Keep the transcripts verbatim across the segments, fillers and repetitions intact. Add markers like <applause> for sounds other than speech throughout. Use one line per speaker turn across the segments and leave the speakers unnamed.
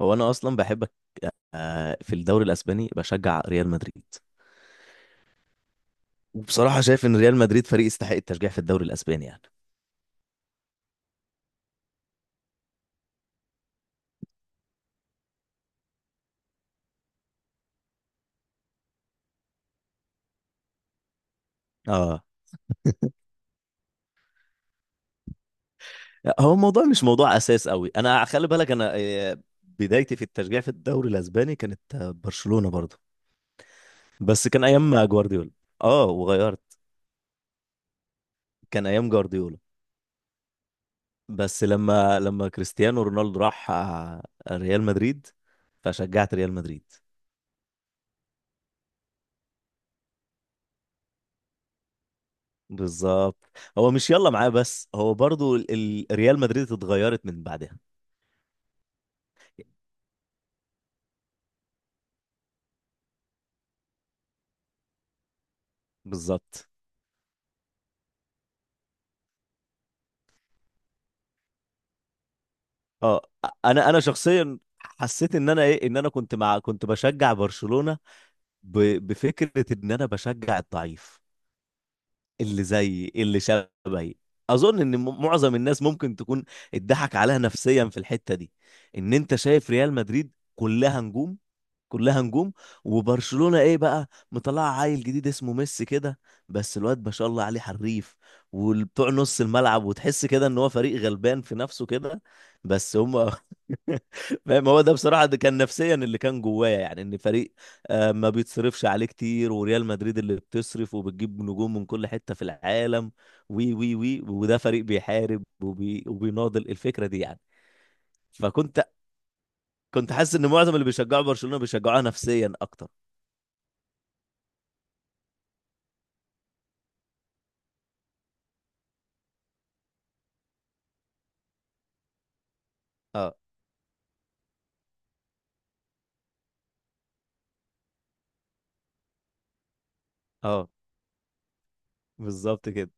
هو انا اصلا بحبك في الدوري الاسباني، بشجع ريال مدريد. وبصراحه شايف ان ريال مدريد فريق يستحق التشجيع في الدوري الاسباني يعني. اه. هو الموضوع مش موضوع اساس قوي، انا خلي بالك انا آه، بدايتي في التشجيع في الدوري الاسباني كانت آه، برشلونه برضه. بس كان ايام جوارديولا. اه، وغيرت. كان ايام جوارديولا. بس لما لما كريستيانو رونالدو راح، آه، ريال مدريد، فشجعت ريال مدريد. بالظبط. هو مش يلا معاه، بس هو برضو ال- ال- ريال مدريد اتغيرت من بعدها. بالظبط. اه. انا انا شخصيا حسيت ان انا ايه ان انا كنت مع كنت بشجع برشلونة ب... بفكرة ان انا بشجع الضعيف اللي زي اللي شبهي. اظن ان م- معظم الناس ممكن تكون اتضحك عليها نفسيا في الحتة دي، ان انت شايف ريال مدريد كلها نجوم، كلها نجوم، وبرشلونة ايه بقى مطلعه عيل جديد اسمه ميسي كده. بس الواد ما شاء الله عليه حريف وبتوع نص الملعب، وتحس كده ان هو فريق غلبان في نفسه كده بس هم <laughs> فاهم. هو ده بصراحة ده كان نفسيا اللي كان جوايا، يعني ان فريق آه، ما بيتصرفش عليه كتير، وريال مدريد اللي بتصرف وبتجيب نجوم من كل حتة في العالم، وي وي وي وده فريق بيحارب وبي وبيناضل الفكرة دي يعني. فكنت كنت حاسس ان معظم اللي بيشجعوا برشلونة بيشجعوها نفسيا اكتر. اه، اه، بالظبط كده.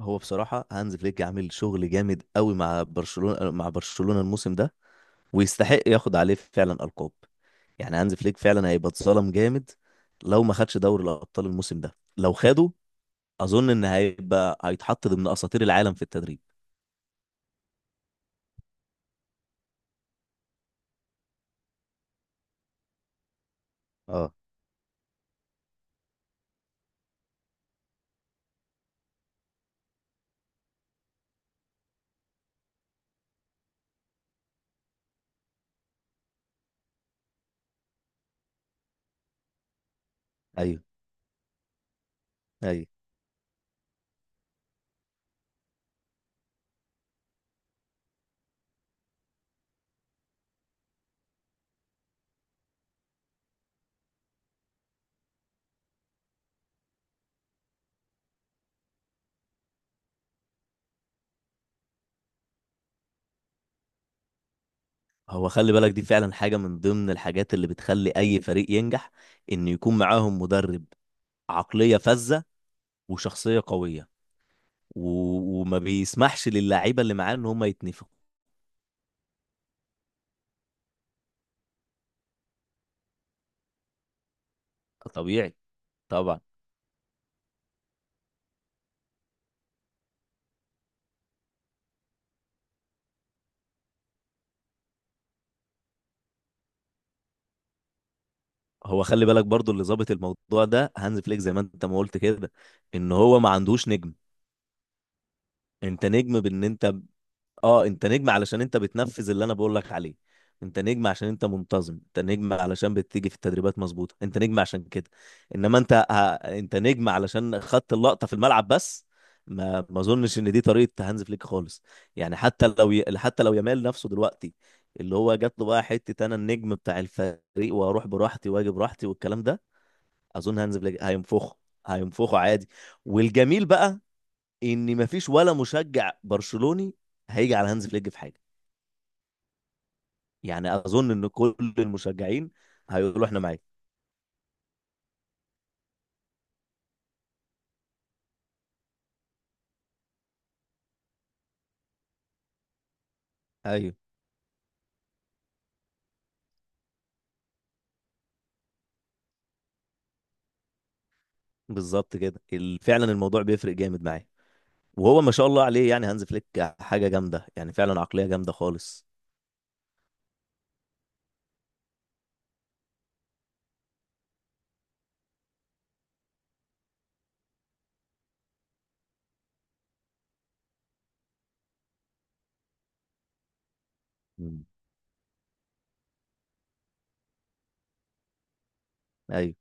هو بصراحة هانز فليك عامل شغل جامد قوي مع برشلونة، مع برشلونة الموسم ده. ويستحق ياخد عليه فعلا ألقاب. يعني هانز فليك فعلا هيبقى اتظلم جامد لو ما خدش دوري الأبطال الموسم ده. لو خده أظن إن هيبقى هيتحط ضمن أساطير العالم في التدريب. اه. ايوه، ايوه. هو خلي بالك دي فعلا حاجة من ضمن الحاجات اللي بتخلي أي فريق ينجح، إن يكون معاهم مدرب عقلية فذة وشخصية قوية، و... وما بيسمحش للعيبه اللي معاه ان هم يتنفخوا. طبيعي. طبعا. هو خلي بالك برضو اللي ظابط الموضوع ده هانز فليك زي ما انت ما قلت كده، ان هو ما عندوش نجم. انت نجم بان انت. اه انت نجم علشان انت بتنفذ اللي انا بقول لك عليه. انت نجم عشان انت منتظم، انت نجم علشان بتيجي في التدريبات مظبوطه، انت نجم عشان كده. انما انت ه... انت نجم علشان خدت اللقطه في الملعب بس. ما ما اظنش ان دي طريقه هانز فليك خالص. يعني حتى لو ي... حتى لو يامال نفسه دلوقتي اللي هو جات له بقى حته انا النجم بتاع الفريق، واروح براحتي واجي براحتي والكلام ده. اظن هانز فليك هينفخه، هينفخه عادي. والجميل بقى ان مفيش ولا مشجع برشلوني هيجي على هانز فليك في حاجه. يعني اظن ان كل المشجعين هيقولوا احنا معاك. ايوه، بالظبط كده. ال- فعلا الموضوع بيفرق جامد معايا. وهو ما شاء الله عليه يعني هانز فليك حاجه جامده، يعني فعلا عقليه جامده خالص. مم. ايوه.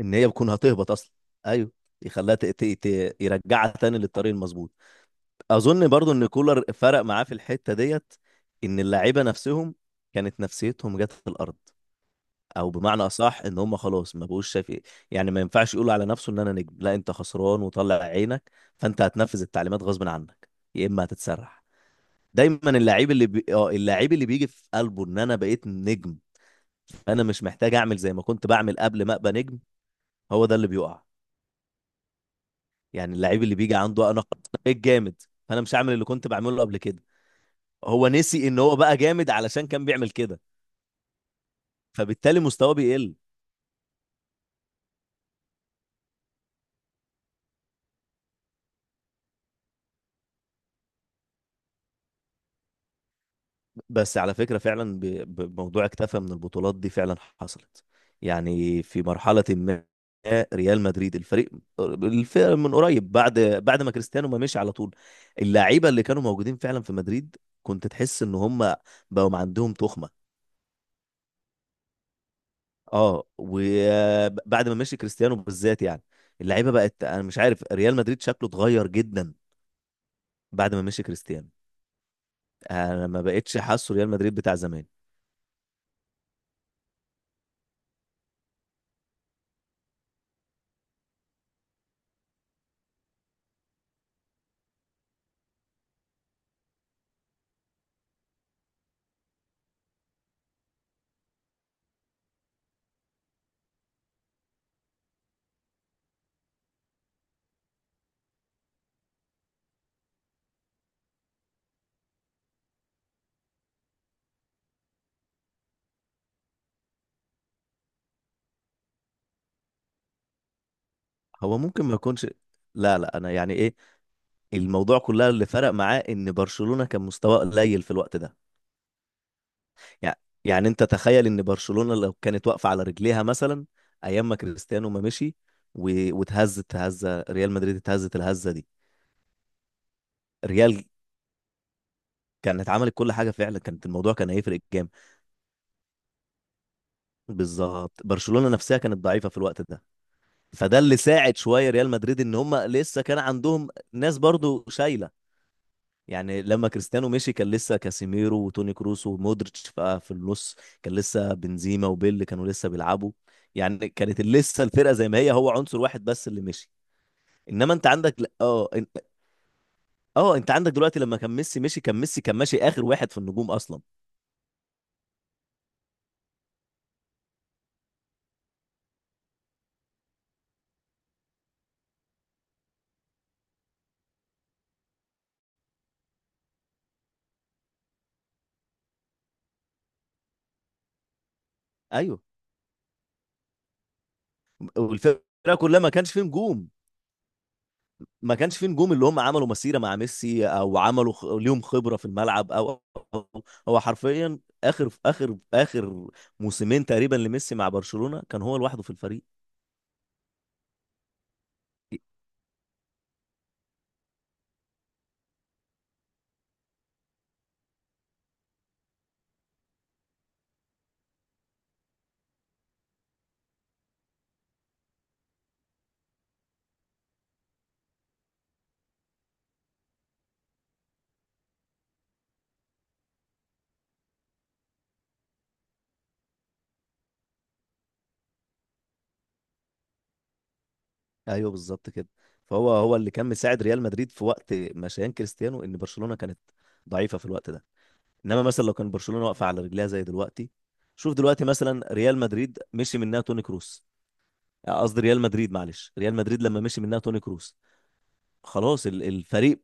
ان هي بتكون هتهبط اصلا. ايوه. يخليها ت... ت... ت... يرجعها تاني للطريق المظبوط. اظن برضو ان كولر فرق معاه في الحته ديت، ان اللعيبه نفسهم كانت نفسيتهم جت في الارض. او بمعنى اصح ان هم خلاص ما بقوش شايف ايه. يعني ما ينفعش يقولوا على نفسه ان انا نجم. لا، انت خسران وطلع عينك، فانت هتنفذ التعليمات غصب عنك، يا اما هتتسرح. دايما اللاعب اللي بي... اه اللاعب اللي بيجي في قلبه ان انا بقيت نجم، انا مش محتاج اعمل زي ما كنت بعمل قبل ما ابقى نجم. هو ده اللي بيقع. يعني اللاعب اللي بيجي عنده انا خلاص أنا بقيت جامد، فانا مش هعمل اللي كنت بعمله قبل كده. هو نسي ان هو بقى جامد علشان كان بيعمل كده، فبالتالي مستواه بيقل. بس على فكرة فعلا ب- ب- بموضوع اكتفى من البطولات دي فعلا حصلت. يعني في مرحلة ما ريال مدريد الفريق، الفريق من قريب بعد بعد ما كريستيانو ما مشي على طول، اللعيبة اللي كانوا موجودين فعلا في مدريد كنت تحس ان هم بقوا عندهم تخمة. اه. وبعد ما مشي كريستيانو بالذات يعني اللعيبة بقت، انا مش عارف، ريال مدريد شكله اتغير جدا بعد ما مشي كريستيانو. انا ما بقتش حاسه ريال مدريد بتاع زمان. هو ممكن ما يكونش. لا، لا، انا يعني ايه، الموضوع كلها اللي فرق معاه ان برشلونة كان مستواه قليل في الوقت ده. يعني يعني انت تخيل ان برشلونة لو كانت واقفة على رجليها مثلا ايام ما كريستيانو ما مشي، و- واتهزت هزة، ريال مدريد اتهزت الهزة دي، ريال كانت عملت كل حاجة فعلا، كانت الموضوع كان هيفرق جامد. بالظبط برشلونة نفسها كانت ضعيفة في الوقت ده. فده اللي ساعد شوية ريال مدريد ان هم لسه كان عندهم ناس برضو شايلة. يعني لما كريستيانو مشي كان لسه كاسيميرو وتوني كروس ومودريتش بقى في النص، كان لسه بنزيما وبيل كانوا لسه بيلعبوا. يعني كانت لسه الفرقه زي ما هي، هو عنصر واحد بس اللي مشي. انما انت عندك ل- اه إن- اه انت عندك دلوقتي لما كان ميسي مشي، كان ميسي كان ماشي اخر واحد في النجوم اصلا. ايوه، والفرقه كلها ما كانش فيه نجوم، ما كانش فيه نجوم اللي هم عملوا مسيرة مع ميسي او عملوا خ... ليهم خبرة في الملعب او <laughs> أو- هو حرفيا اخر اخر اخر موسمين تقريبا لميسي مع برشلونة كان هو لوحده في الفريق. ايوه، بالظبط كده. فهو هو اللي كان مساعد ريال مدريد في وقت مشيان كريستيانو ان برشلونة كانت ضعيفة في الوقت ده. انما مثلا لو كان برشلونة واقفة على رجليها زي دلوقتي، شوف دلوقتي مثلا ريال مدريد مشي منها توني كروس، آه، قصدي ريال مدريد، معلش، ريال مدريد لما مشي منها توني كروس خلاص ال- الفريق.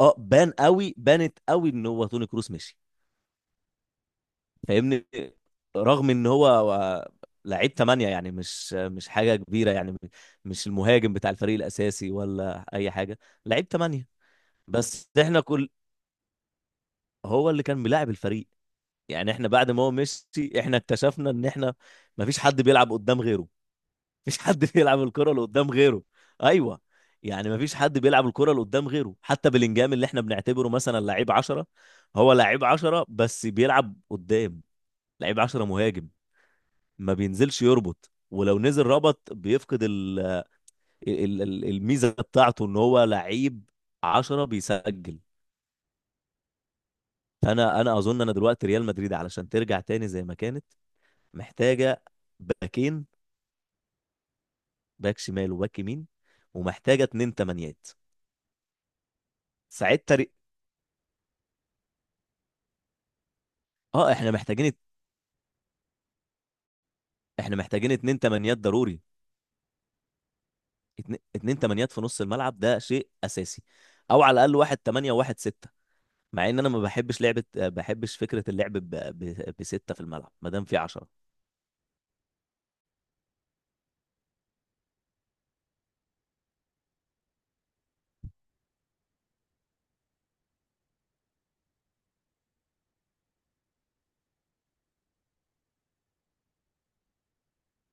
اه، بان قوي، بانت قوي ان هو توني كروس مشي. فاهمني، رغم ان هو هو لعيب تمانية، يعني مش مش حاجة كبيرة يعني. مش المهاجم بتاع الفريق الأساسي ولا أي حاجة، لعيب تمانية. بس احنا كل هو اللي كان بيلاعب الفريق، يعني احنا بعد ما هو مشي احنا اكتشفنا ان احنا مفيش حد بيلعب قدام غيره. مفيش حد <laughs> بيلعب الكرة اللي قدام غيره. ايوه. يعني مفيش حد بيلعب الكرة اللي قدام غيره، حتى بلينجهام اللي احنا بنعتبره مثلا لعيب عشرة، هو لعيب عشرة بس بيلعب قدام. لعيب عشرة مهاجم، ما بينزلش يربط، ولو نزل ربط بيفقد ال... ال... ال- الميزة بتاعته ان هو لعيب عشرة بيسجل. انا انا اظن انا دلوقتي ريال مدريد علشان ترجع تاني زي ما كانت، محتاجة باكين، باك شمال وباك يمين، ومحتاجة اتنين تمانيات ساعتها. اه، احنا محتاجين احنا محتاجين اتنين تمانيات ضروري. اتنين, اتنين تمانيات في نص الملعب ده شيء اساسي، او على الاقل واحد تمانية وواحد ستة. مع ان انا ما بحبش لعبة آه، بحبش فكرة اللعب ب... ب... بستة في الملعب ما دام في عشرة.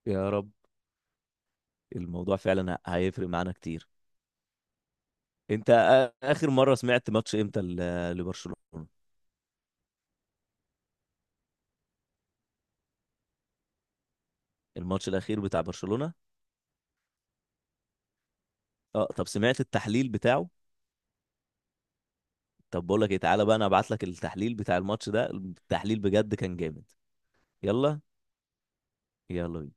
يا رب. الموضوع فعلا ه- هيفرق معانا كتير. انت آ- اخر مرة سمعت ماتش امتى ل- لبرشلونة. الماتش الاخير بتاع برشلونة. اه. طب سمعت التحليل بتاعه. طب بقول لك ايه، تعالى بقى انا ابعت لك التحليل بتاع الماتش ده، التحليل بجد كان جامد. يلا، يلا بينا.